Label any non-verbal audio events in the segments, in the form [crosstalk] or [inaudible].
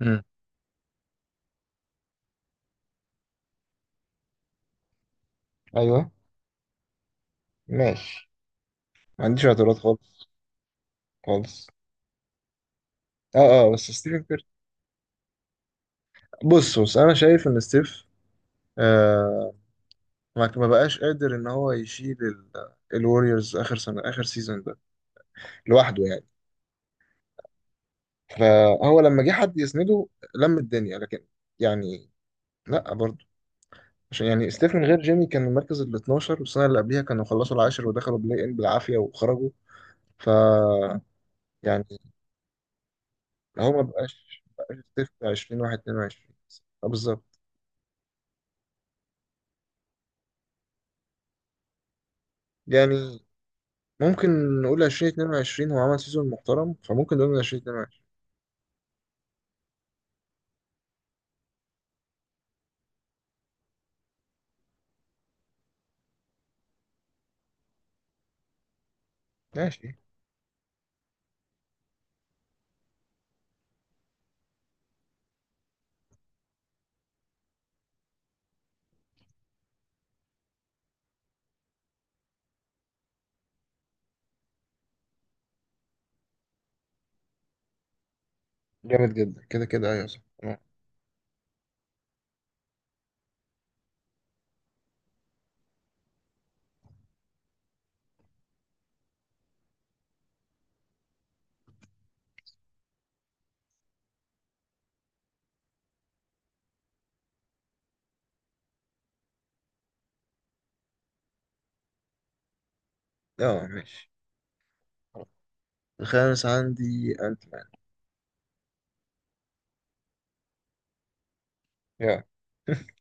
امم ايوه، ماشي. ما عنديش اعتراض خالص. خالص. اه، اه، بس ستيفن كير. بص بص انا شايف ان ستيف آه ما بقاش قادر ان هو يشيل الوريورز اخر سنه اخر سيزون ده لوحده يعني. فهو لما جه حد يسنده لم الدنيا، لكن يعني، لا برضه. عشان يعني ستيف من غير جيمي كان المركز ال 12، والسنه اللي قبليها كانوا خلصوا العاشر ودخلوا بلاي ان بالعافيه وخرجوا. ف يعني، هو ما بقاش ستيف بتاع 20 21. بالظبط. يعني ممكن نقول 2022 هو عمل سيزون محترم، فممكن نقول من 2022. ماشي. جامد جدا كده كده، ايوه، صح، اه. آه، ماشي. الخامس عندي انت مان. يا، [laughs]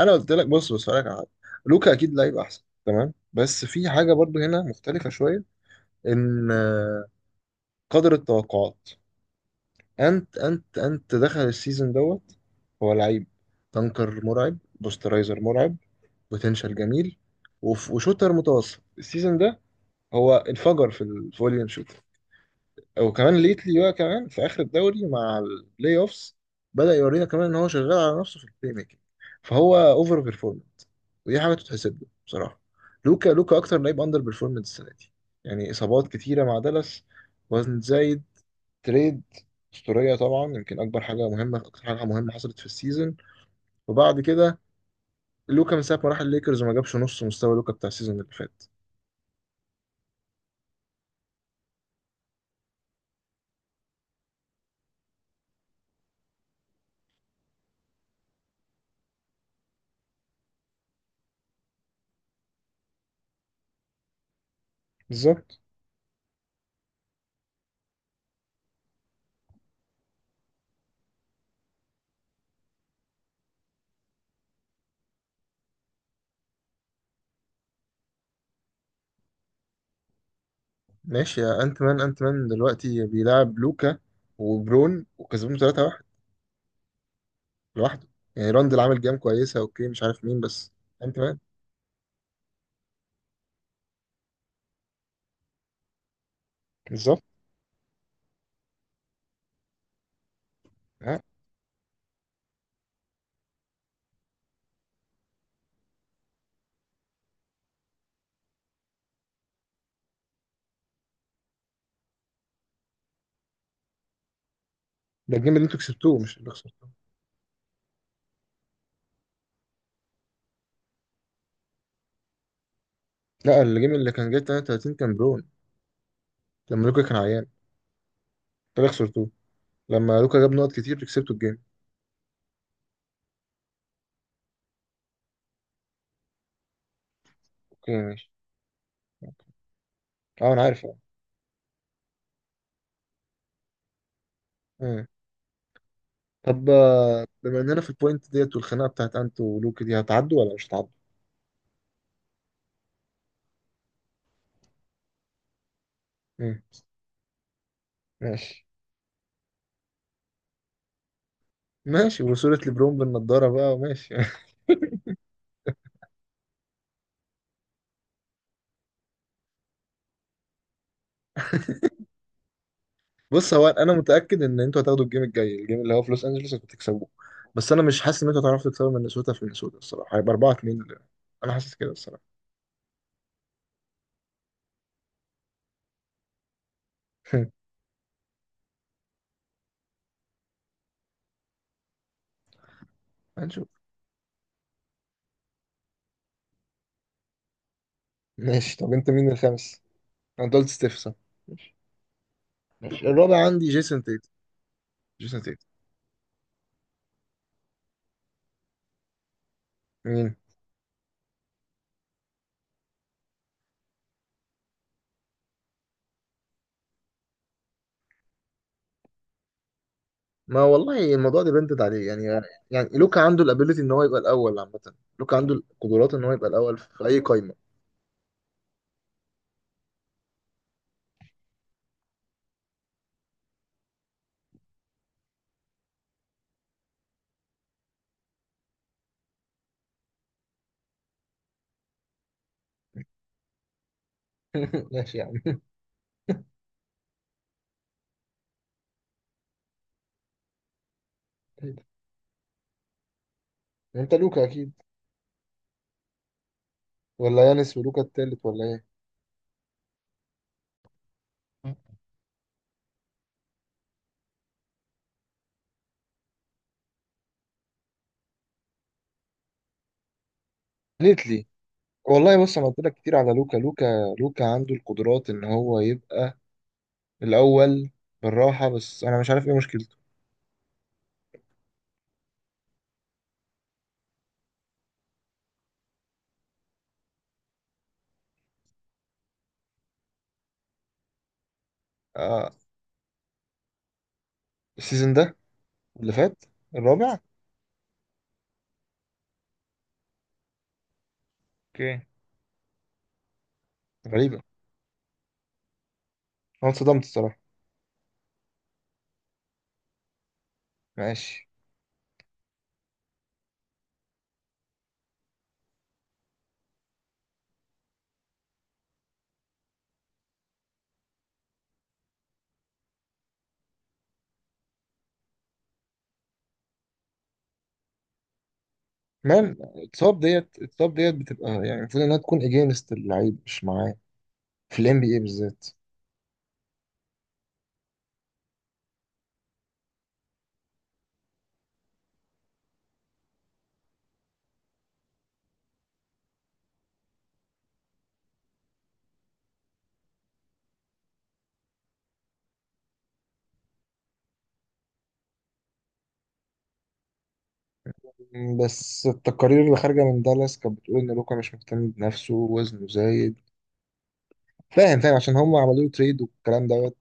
انا قلت لك بص بص هقولك على حاجه. لوكا اكيد لعيب احسن، تمام، بس في حاجه برضو هنا مختلفه شويه. ان قدر التوقعات. انت دخل السيزون دوت. هو لعيب، تنكر مرعب، بوسترايزر مرعب، بوتنشال جميل، وشوتر متوسط. السيزون ده هو انفجر في الفوليوم شوت، وكمان ليتلي بقى كمان في اخر الدوري مع البلاي اوفس بدأ يورينا كمان ان هو شغال على نفسه في البلاي ميكنج. فهو اوفر بيرفورمنت، ودي حاجه تتحسب له بصراحه. لوكا، لوكا اكتر لعيب اندر بيرفورمنت السنه دي. يعني اصابات كتيره مع دالاس، وزن زايد، تريد اسطوريه طبعا. يمكن اكبر حاجه مهمه، اكتر حاجه مهمه حصلت في السيزون. وبعد كده لوكا من ساعه ما راح الليكرز وما جابش نص مستوى لوكا بتاع السيزون اللي فات. ماشي يا انت مان. انت مان دلوقتي بيلعب لوكا وبرون وكسبهم 3-1 لوحده. يعني راندل عامل جيم كويسه، اوكي مش عارف مين بس. انت مان. بالظبط. ها. ده الجيم اللي انتوا كسبتوه مش اللي خسرتوه. لا، الجيم اللي كان جاي 33 كان برون، لما لوكا كان عيان. انتوا اللي خسرتوه لما لوكا جاب نقط كتير كسبتوا الجيم. اوكي، ماشي. اه، انا عارف، اه. مم. طب آه، بما اننا في البوينت ديت، والخناقه بتاعت انت ولوكا دي هتعدوا ولا مش هتعدوا؟ مم. ماشي. ماشي، وصورة لبرون بالنضاره بقى، ماشي [laughs] بص، هو انا متاكد ان انتوا هتاخدوا الجيم الجاي، الجيم اللي هو في لوس انجلوس انتوا هتكسبوه. بس انا مش حاسس ان انتوا هتعرفوا تكسبوا من مينيسوتا. في مينيسوتا الصراحه هيبقى 4-2. انا حاسس كده الصراحه. [laughs] هنشوف. ماشي. طب انت مين الخامس؟ انا قلت ستيف، صح؟ ماشي. ماشي، الرابع عندي جيسون تيت. جيسون تيت. مين؟ ما والله الموضوع ده بنتد عليه يعني. يعني لوكا عنده الابيليتي ان هو يبقى الاول عامه. لوكا عنده القدرات ان هو يبقى الاول في اي قايمه. [laughs] ماشي يا عم. انت لوكا اكيد، ولا يانس ولوكا التالت ولا ايه؟ ليتلي. والله بص انا قلت لك كتير على لوكا، لوكا. لوكا عنده القدرات ان هو يبقى الاول بالراحه، بس انا مش عارف ايه مشكلته. آه. السيزون ده اللي فات الرابع. اوكي. غريبه. انا اتصدمت الصراحه. ماشي. مان اتصاب ديت، اتصاب ديت بتبقى يعني المفروض انها تكون اجينست اللعيب مش معاه، في الام بي اي بالذات. م، بس التقارير اللي خارجه من دالاس كانت بتقول ان لوكا مش مهتم بنفسه، وزنه زايد. فاهم، فاهم، عشان هم عملوا له تريد والكلام دوت.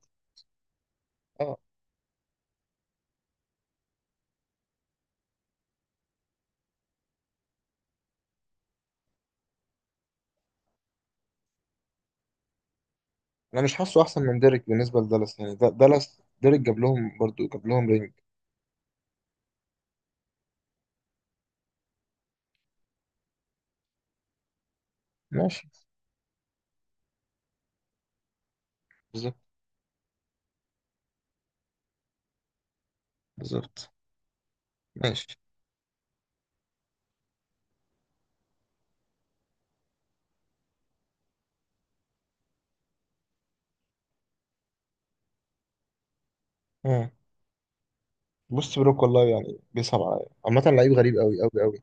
آه. انا مش حاسه احسن من ديريك بالنسبه لدالاس، يعني دالاس ديريك جاب لهم برضو، جاب لهم رينج. ماشي. بالظبط، بالظبط. ماشي، اه. بص، بروك والله يعني بيصعب عليا عامة لعيب غريب قوي قوي قوي.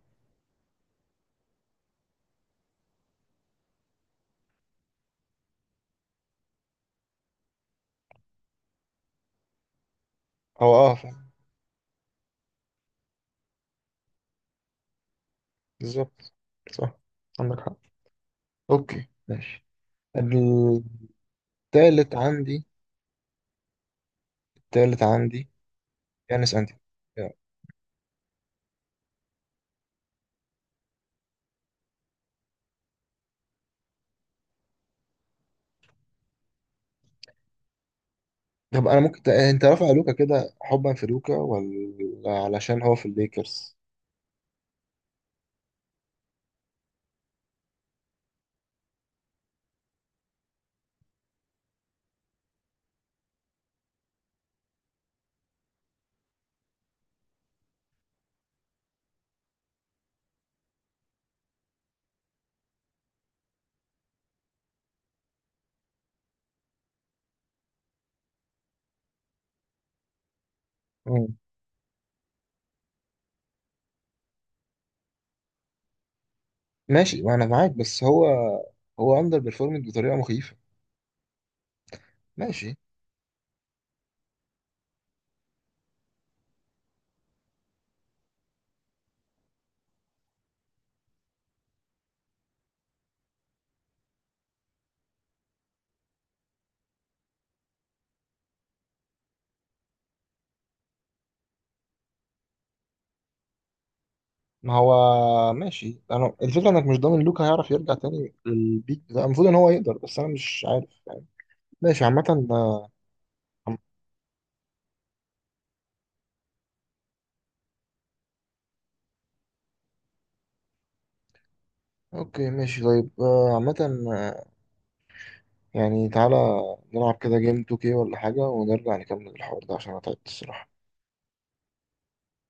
هو فاهم. بالظبط، صح، عندك حق. اوكي، ماشي. التالت عندي، التالت عندي يانس، انتي. يعني. طب انا ممكن انت رافع لوكا كده حبا في لوكا، ولا علشان هو في الليكرز؟ مم. ماشي، ما انا معاك، بس هو، هو اندر بيرفورمنج بطريقه مخيفه. ماشي. ما هو ماشي، انا الفكره انك مش ضامن لوكا هيعرف يرجع تاني للبيك بتاع، المفروض ان هو يقدر، بس انا مش عارف يعني. ماشي عامه. آه، اوكي، ماشي، طيب عامه آه، يعني تعالى نلعب كده جيم 2K ولا حاجه، ونرجع نكمل الحوار ده عشان انا تعبت الصراحه.